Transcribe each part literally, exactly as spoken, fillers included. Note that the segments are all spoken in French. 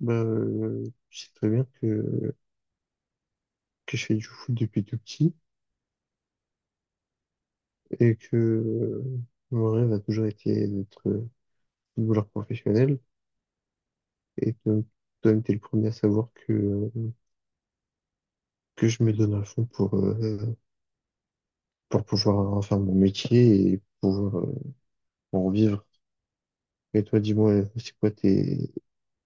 Bah, euh, je sais très bien que, que je fais du foot depuis tout petit et que euh, mon rêve a toujours été d'être euh, footballeur professionnel. Et donc, toi, t'es le premier à savoir que, euh, que je me donne à fond pour, euh, pour pouvoir en faire mon métier et pour euh, en vivre. Et toi, dis-moi, c'est quoi tes,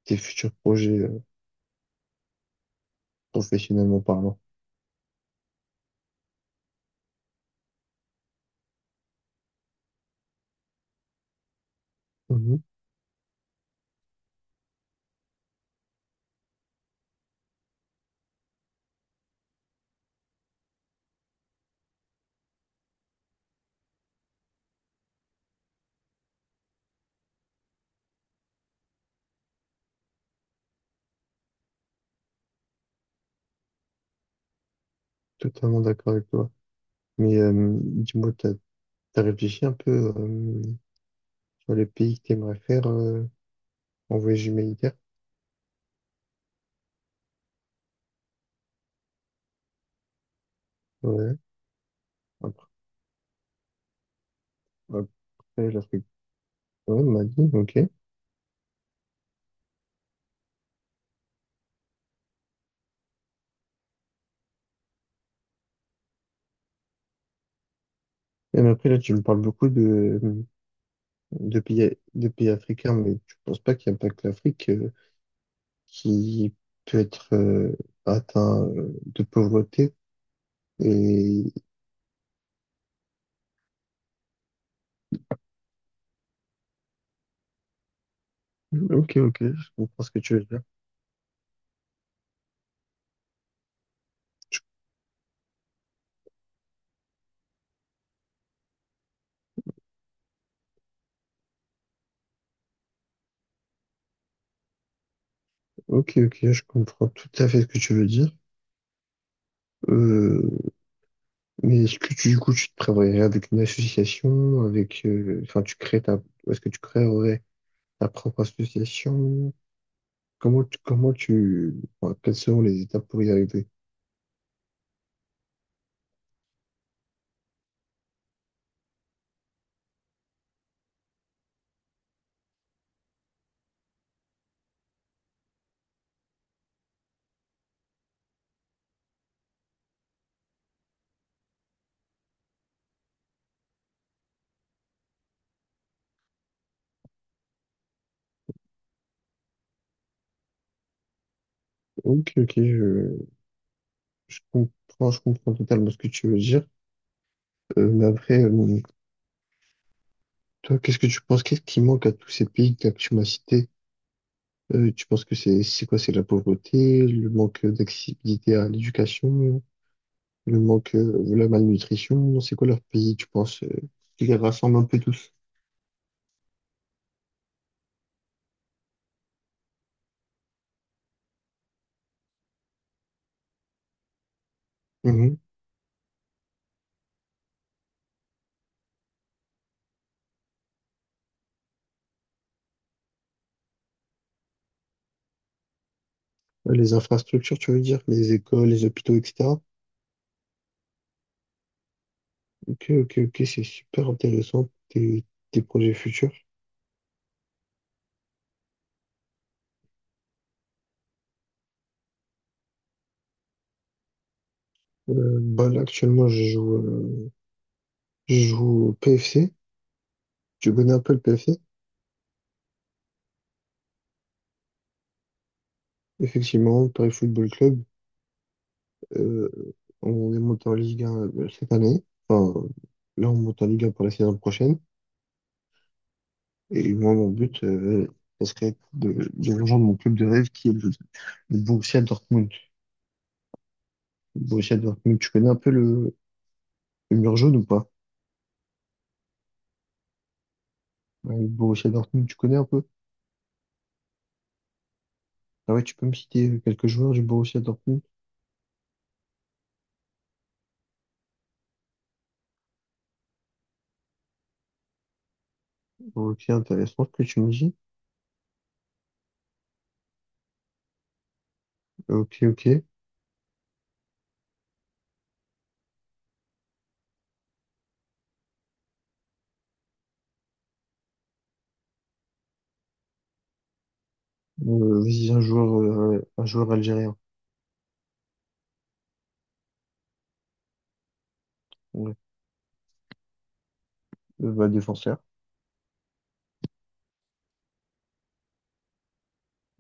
tes futurs projets euh, professionnellement parlant? Mhm. Totalement d'accord avec toi. Mais euh, dis-moi, t'as, t'as réfléchi un peu euh, sur les pays que t'aimerais faire euh, en voyage humanitaire? Ouais. Après, Après l'Afrique. Ouais, Mali, ok. Et mais après, là, tu me parles beaucoup de, de pays, de pays africains, mais tu penses pas qu'il n'y a pas que l'Afrique euh, qui peut être euh, atteint euh, de pauvreté? Et... Ok, ok, je comprends ce que tu veux dire. Ok, ok, je comprends tout à fait ce que tu veux dire. Euh, mais est-ce que tu, du coup, tu te prévoyais avec une association, avec, euh, enfin, tu crées ta, est-ce que tu créerais ta propre association? Comment tu, comment tu, enfin, quelles seront les étapes pour y arriver? Ok, ok, je, je comprends, je comprends totalement ce que tu veux dire. Euh, mais après, euh, toi, qu'est-ce que tu penses? Qu'est-ce qui manque à tous ces pays que tu m'as cités? Euh, tu penses que c'est, c'est quoi? C'est la pauvreté, le manque d'accessibilité à l'éducation, le manque, euh, de la malnutrition? C'est quoi leur pays, tu penses, euh, qui les rassemble un peu tous? Mhm. Les infrastructures, tu veux dire, les écoles, les hôpitaux, et cetera. Ok, ok, ok, c'est super intéressant, tes, tes projets futurs. Euh, bah là, actuellement, je joue, euh, je joue au P F C. Tu connais un peu le P F C? Effectivement, Paris Football Club. euh, on est monté en Ligue un euh, cette année. Enfin, là, on monte en Ligue un pour la saison prochaine. Et moi, mon but, euh, ça serait de, de rejoindre mon club de rêve qui est le, le Borussia Dortmund. Le Borussia Dortmund, tu connais un peu le, le mur jaune ou pas? Ouais, le Borussia Dortmund, tu connais un peu? Ah ouais, tu peux me citer quelques joueurs du Borussia Dortmund? Ok, intéressant ce que tu me dis. Ok, ok. Euh, vas-y, un joueur, euh, un joueur algérien. Ouais. Euh, bah, défenseur.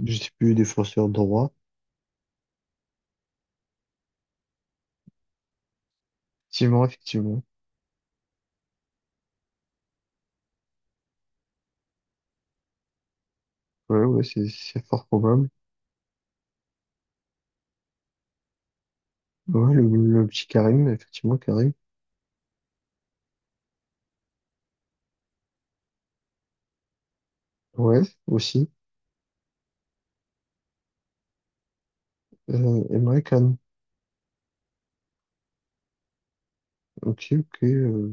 Je sais plus, défenseur droit. Effectivement, effectivement. Ouais, ouais, c'est, c'est fort probable. Ouais, le, le petit Karim, effectivement, Karim. Ouais, aussi. Euh, Emre Can. Ok, ok, euh,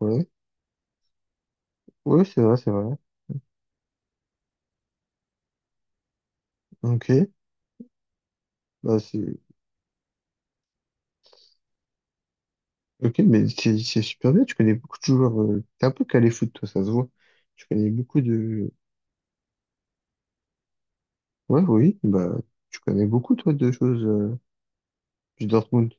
ouais. Ouais, c'est vrai, c'est vrai. Ok. Bah, c'est, ok, mais c'est, c'est super bien. Tu connais beaucoup de joueurs. euh, T'es un peu calé foot, toi, ça se voit. Tu connais beaucoup de, ouais, oui, bah, tu connais beaucoup, toi, de choses, euh, du Dortmund.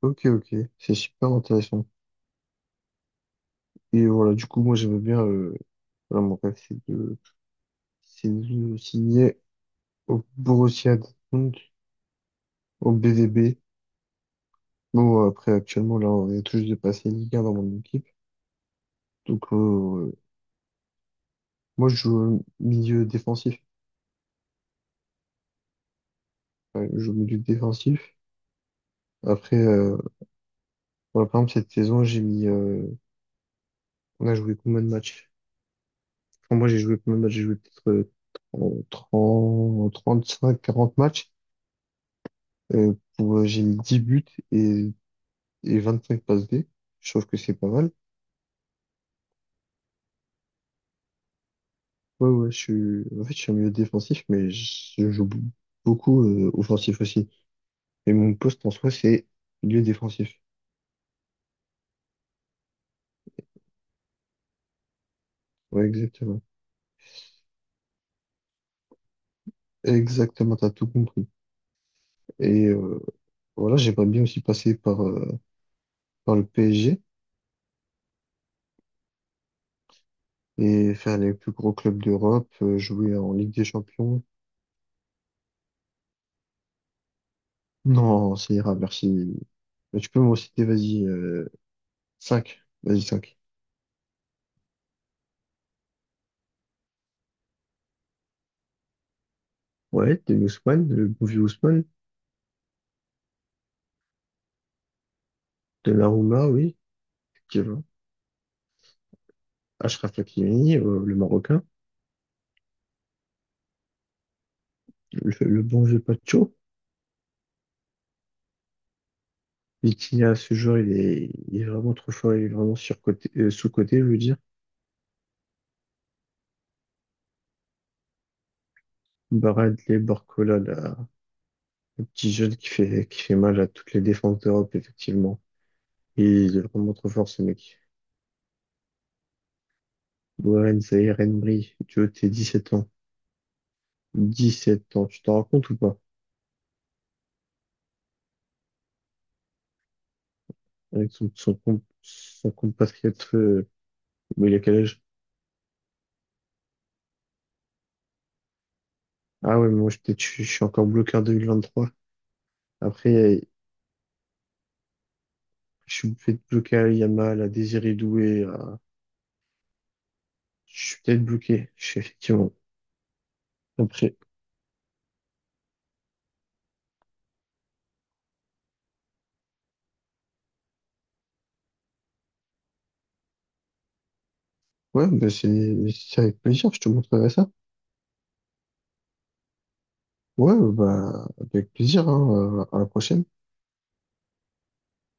Ok, ok, c'est super intéressant. Et voilà, du coup, moi, j'aimais bien, euh, voilà, mon rêve, c'est de, c'est de signer au Borussia Dortmund, au B V B. Bon, après, actuellement, là, on est tous de passer Ligue un dans mon équipe. Donc, euh, moi, je joue milieu défensif. Ouais, je joue milieu défensif. Après, euh, voilà, par exemple, cette saison, j'ai mis, euh, on a joué combien de matchs? Enfin, moi, j'ai joué combien de matchs? J'ai joué peut-être euh, trente, trente-cinq, quarante matchs. Euh, pour, euh, j'ai mis dix buts et et vingt-cinq passes D. Je trouve que c'est pas mal. Ouais, ouais, je suis, en fait, je suis un milieu défensif, mais je joue b- beaucoup euh, offensif aussi. Et mon poste en soi, c'est milieu défensif. Ouais, exactement. Exactement, t'as tout compris. Et euh, voilà, j'aimerais bien aussi passer par, euh, par le P S G et faire les plus gros clubs d'Europe, euh, jouer en Ligue des Champions. Non, ça ira, merci. Mais tu peux m'en citer, vas-y, euh, cinq. Vas-y, cinq. Ouais, de Ousmane, le bon vieux Ousmane, de Donnarumma, oui, qui va. Achraf Hakimi, euh, le Marocain, le, le bon vieux Pacho, et qui à ce jour il est, il est vraiment trop fort, il est vraiment surcoté, euh, sous-coté, je veux dire. Barad les Barcola, là, le petit jeune qui fait, qui fait mal à toutes les défenses d'Europe, effectivement. Et il est vraiment trop fort, ce mec. Warren Zaïre Emery, tu vois, t'es dix sept ans. Dix sept ans, tu t'en rends compte ou pas? Avec son, son, com- son compatriote, euh, mais il a quel âge? Ah ouais, mais moi, je, peut-être, je, je suis encore bloqué en deux mille vingt-trois. Après, je suis peut-être bloqué à Yamal, à Désiré Doué, à. Je suis peut-être bloqué, je sais effectivement. Après, ouais, bah c'est c'est avec plaisir, je te montrerai ça. Ouais, bah avec plaisir, hein, euh, à la prochaine.